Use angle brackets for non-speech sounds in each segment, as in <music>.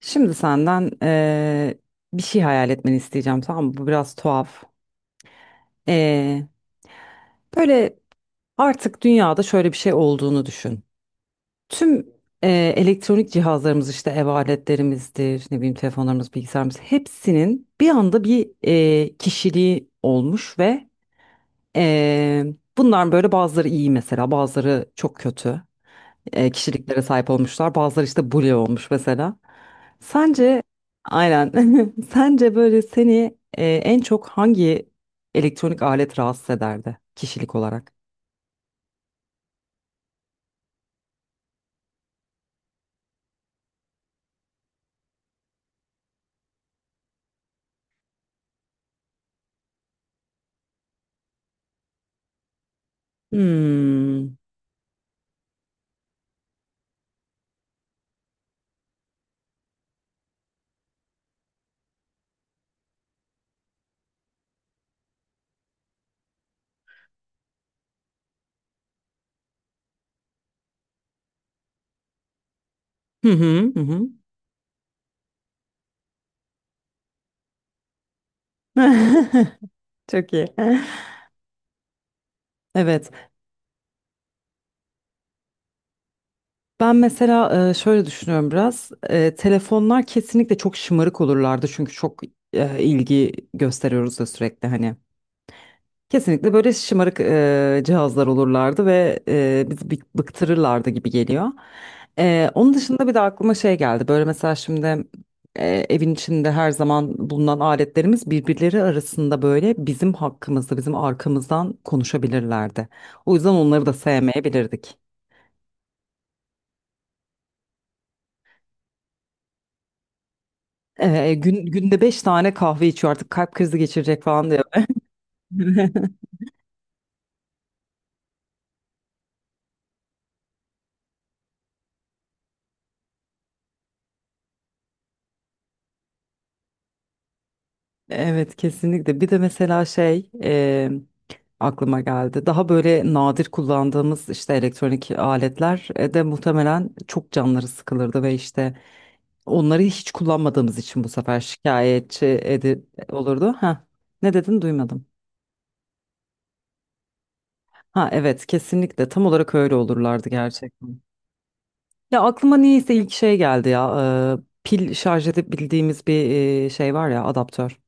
Şimdi senden bir şey hayal etmeni isteyeceğim, tamam mı? Bu biraz tuhaf. Eee, Böyle artık dünyada şöyle bir şey olduğunu düşün. Tüm elektronik cihazlarımız, işte ev aletlerimizdir, ne bileyim telefonlarımız, bilgisayarımız, hepsinin bir anda bir kişiliği olmuş ve bunlar böyle, bazıları iyi mesela, bazıları çok kötü kişiliklere sahip olmuşlar. Bazıları işte bully olmuş mesela. Sence aynen, <laughs> sence böyle seni en çok hangi elektronik alet rahatsız ederdi kişilik olarak? Hmm. Hı hı hı hı. <laughs> Çok iyi. Evet. Ben mesela şöyle düşünüyorum biraz. Telefonlar kesinlikle çok şımarık olurlardı, çünkü çok ilgi gösteriyoruz da sürekli hani. Kesinlikle böyle şımarık cihazlar olurlardı ve bizi bıktırırlardı gibi geliyor. Onun dışında bir de aklıma şey geldi. Böyle mesela şimdi evin içinde her zaman bulunan aletlerimiz birbirleri arasında böyle bizim hakkımızda, bizim arkamızdan konuşabilirlerdi. O yüzden onları da sevmeyebilirdik. Günde 5 tane kahve içiyor, artık kalp krizi geçirecek falan diyor. <laughs> Evet kesinlikle. Bir de mesela şey aklıma geldi. Daha böyle nadir kullandığımız işte elektronik aletler de muhtemelen çok canları sıkılırdı ve işte onları hiç kullanmadığımız için bu sefer şikayetçi edi olurdu. Ha, ne dedin, duymadım. Ha evet, kesinlikle tam olarak öyle olurlardı gerçekten. Ya aklıma niyeyse ilk şey geldi ya, pil şarj edip bildiğimiz bir şey var ya, adaptör.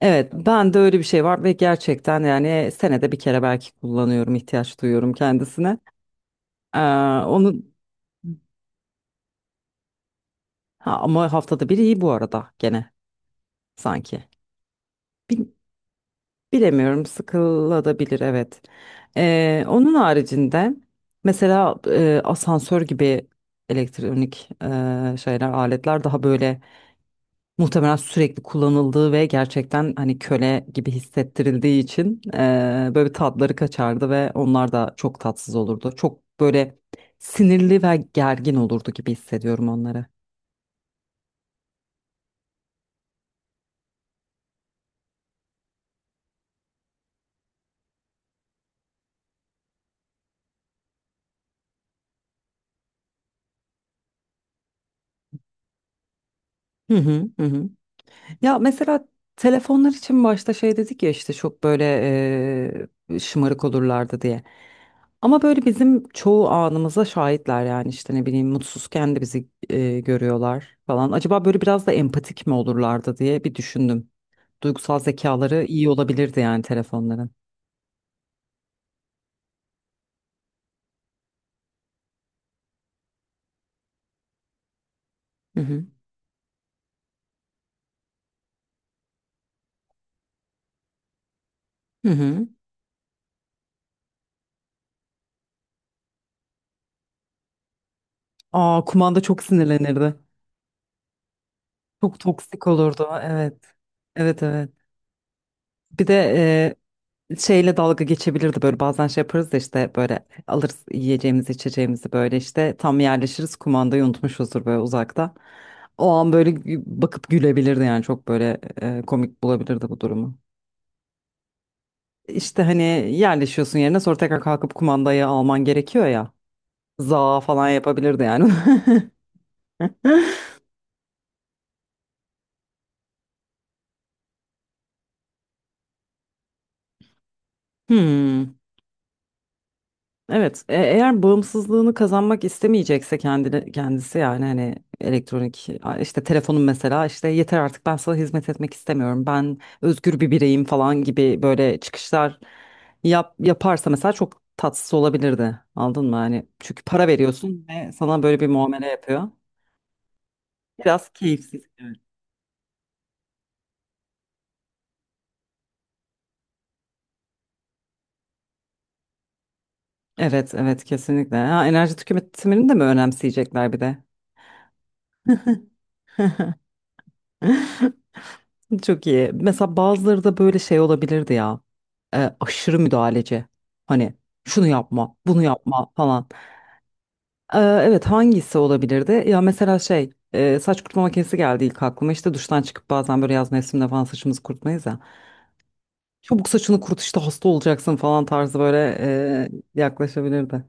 Evet, ben de öyle bir şey var ve gerçekten yani senede bir kere belki kullanıyorum, ihtiyaç duyuyorum kendisine. Ee, onu Ha, ama haftada bir iyi bu arada gene sanki. Bilemiyorum, sıkılabilir evet. Onun haricinde mesela asansör gibi elektronik şeyler, aletler daha böyle muhtemelen sürekli kullanıldığı ve gerçekten hani köle gibi hissettirildiği için böyle tatları kaçardı ve onlar da çok tatsız olurdu. Çok böyle sinirli ve gergin olurdu gibi hissediyorum onları. Hı hı hı hı. Ya mesela telefonlar için başta şey dedik ya, işte çok böyle şımarık olurlardı diye. Ama böyle bizim çoğu anımıza şahitler yani, işte ne bileyim mutsuzken de bizi görüyorlar falan. Acaba böyle biraz da empatik mi olurlardı diye bir düşündüm. Duygusal zekaları iyi olabilirdi yani telefonların. Hı hı. Hı hı. Aa, kumanda çok sinirlenirdi. Çok toksik olurdu. Evet. Evet, evet. Bir de şeyle dalga geçebilirdi böyle. Bazen şey yaparız da işte böyle alırız yiyeceğimizi içeceğimizi, böyle işte tam yerleşiriz, kumandayı unutmuşuzdur böyle uzakta. O an böyle bakıp gülebilirdi yani, çok böyle komik bulabilirdi bu durumu. İşte hani yerleşiyorsun yerine, sonra tekrar kalkıp kumandayı alman gerekiyor ya. Za falan yapabilirdi yani. <laughs> Hmm. Evet, eğer bağımsızlığını kazanmak istemeyecekse kendini, kendisi yani hani elektronik işte telefonun mesela işte, yeter artık ben sana hizmet etmek istemiyorum, ben özgür bir bireyim falan gibi böyle çıkışlar yaparsa mesela, çok tatsız olabilirdi. Anladın mı? Hani çünkü para veriyorsun ve sana böyle bir muamele yapıyor. Biraz keyifsiz. Evet, evet, evet kesinlikle. Ha, enerji tüketimini de mi önemseyecekler bir de? <laughs> Çok iyi. Mesela bazıları da böyle şey olabilirdi ya. Aşırı müdahaleci. Hani şunu yapma, bunu yapma falan. Evet, hangisi olabilirdi? Ya mesela şey, saç kurutma makinesi geldi ilk aklıma. İşte duştan çıkıp bazen böyle yaz mevsiminde falan saçımızı kurutmayız ya. Çabuk saçını kurut, işte hasta olacaksın falan tarzı böyle yaklaşabilirdi.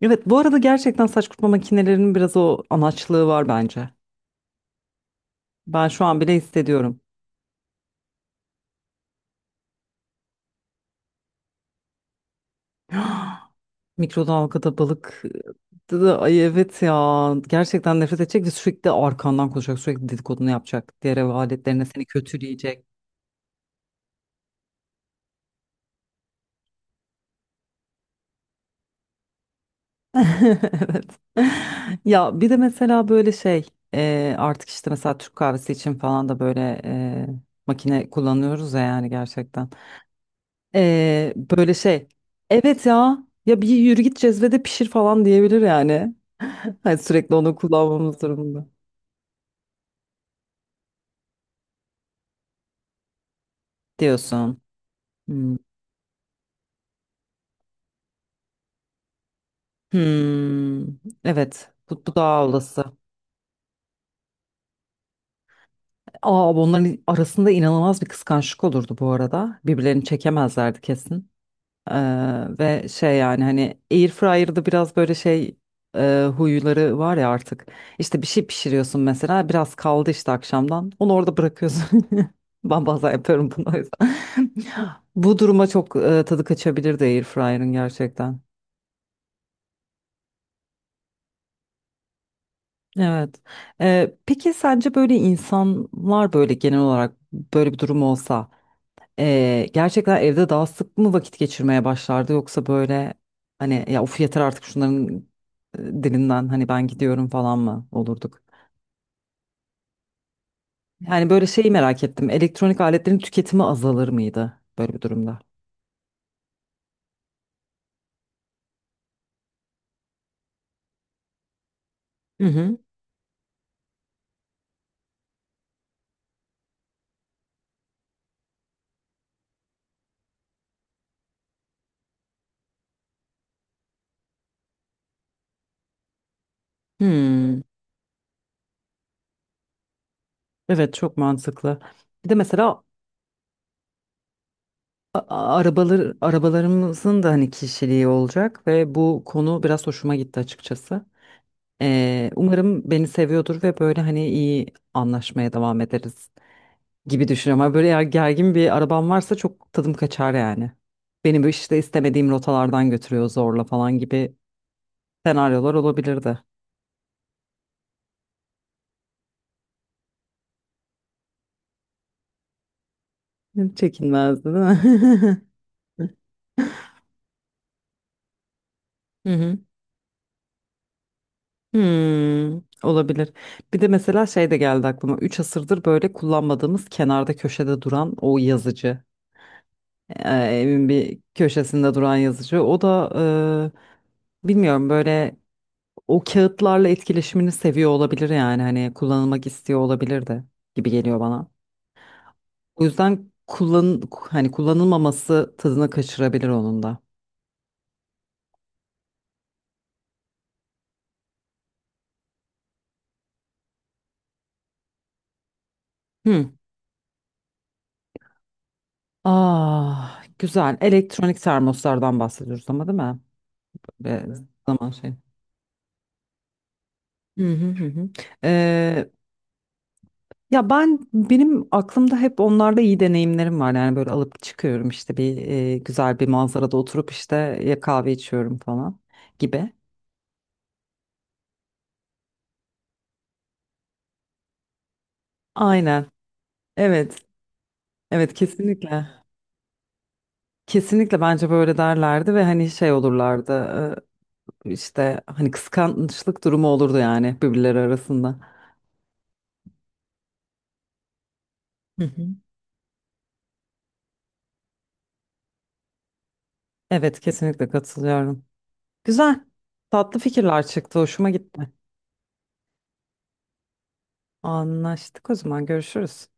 Evet, bu arada gerçekten saç kurutma makinelerinin biraz o anaçlığı var bence. Ben şu an bile hissediyorum. <gasps> Mikrodalgada balık da ay, evet ya, gerçekten nefret edecek ve sürekli arkandan konuşacak, sürekli dedikodunu yapacak, diğer ev aletlerine seni kötüleyecek. <laughs> Evet. Ya bir de mesela böyle şey, artık işte mesela Türk kahvesi için falan da böyle makine kullanıyoruz ya yani gerçekten. Böyle şey, evet ya, ya bir yürü git cezvede pişir falan diyebilir yani. <laughs> Hani sürekli onu kullanmamız durumunda diyorsun. Hmm. Hmm, evet, bu, bu daha olası. Aa, bunların arasında inanılmaz bir kıskançlık olurdu bu arada. Birbirlerini çekemezlerdi kesin. Ee, Ve şey yani hani Airfryer'da biraz böyle şey, huyları var ya artık. İşte bir şey pişiriyorsun mesela, biraz kaldı işte akşamdan, onu orada bırakıyorsun. <laughs> Ben bazen yapıyorum bunu o yüzden. <laughs> Bu duruma çok tadı kaçabilirdi Airfryer'ın gerçekten. Evet. Peki sence böyle insanlar böyle genel olarak, böyle bir durum olsa, gerçekten evde daha sık mı vakit geçirmeye başlardı, yoksa böyle hani ya of, yeter artık şunların dilinden, hani ben gidiyorum falan mı olurduk? Yani böyle şeyi merak ettim. Elektronik aletlerin tüketimi azalır mıydı böyle bir durumda? Hı hı. Hmm. Evet çok mantıklı. Bir de mesela arabalar, arabalarımızın da hani kişiliği olacak ve bu konu biraz hoşuma gitti açıkçası. Umarım beni seviyordur ve böyle hani iyi anlaşmaya devam ederiz gibi düşünüyorum. Ama böyle eğer gergin bir arabam varsa çok tadım kaçar yani. Beni bu işte istemediğim rotalardan götürüyor zorla falan gibi senaryolar olabilirdi. Çekinmezdi değil mi? <laughs> Hı hı. Hmm, olabilir. Bir de mesela şey de geldi aklıma. Üç asırdır böyle kullanmadığımız, kenarda köşede duran o yazıcı. Evin bir köşesinde duran yazıcı. O da bilmiyorum böyle o kağıtlarla etkileşimini seviyor olabilir yani, hani kullanılmak istiyor olabilir de gibi geliyor bana. O yüzden kullan, hani kullanılmaması tadını kaçırabilir onun da. Hı. Ah, güzel. Elektronik termoslardan bahsediyoruz ama değil mi? Ve zaman şey. Hı hı hı hı. Ee, Ya ben, benim aklımda hep onlarda iyi deneyimlerim var. Yani böyle alıp çıkıyorum işte bir güzel bir manzarada oturup işte ya kahve içiyorum falan gibi. Aynen. Evet. Evet kesinlikle. Kesinlikle bence böyle derlerdi ve hani şey olurlardı, işte hani kıskançlık durumu olurdu yani birbirleri arasında. Hı hı. Evet kesinlikle katılıyorum. Güzel. Tatlı fikirler çıktı. Hoşuma gitti. Anlaştık, o zaman görüşürüz.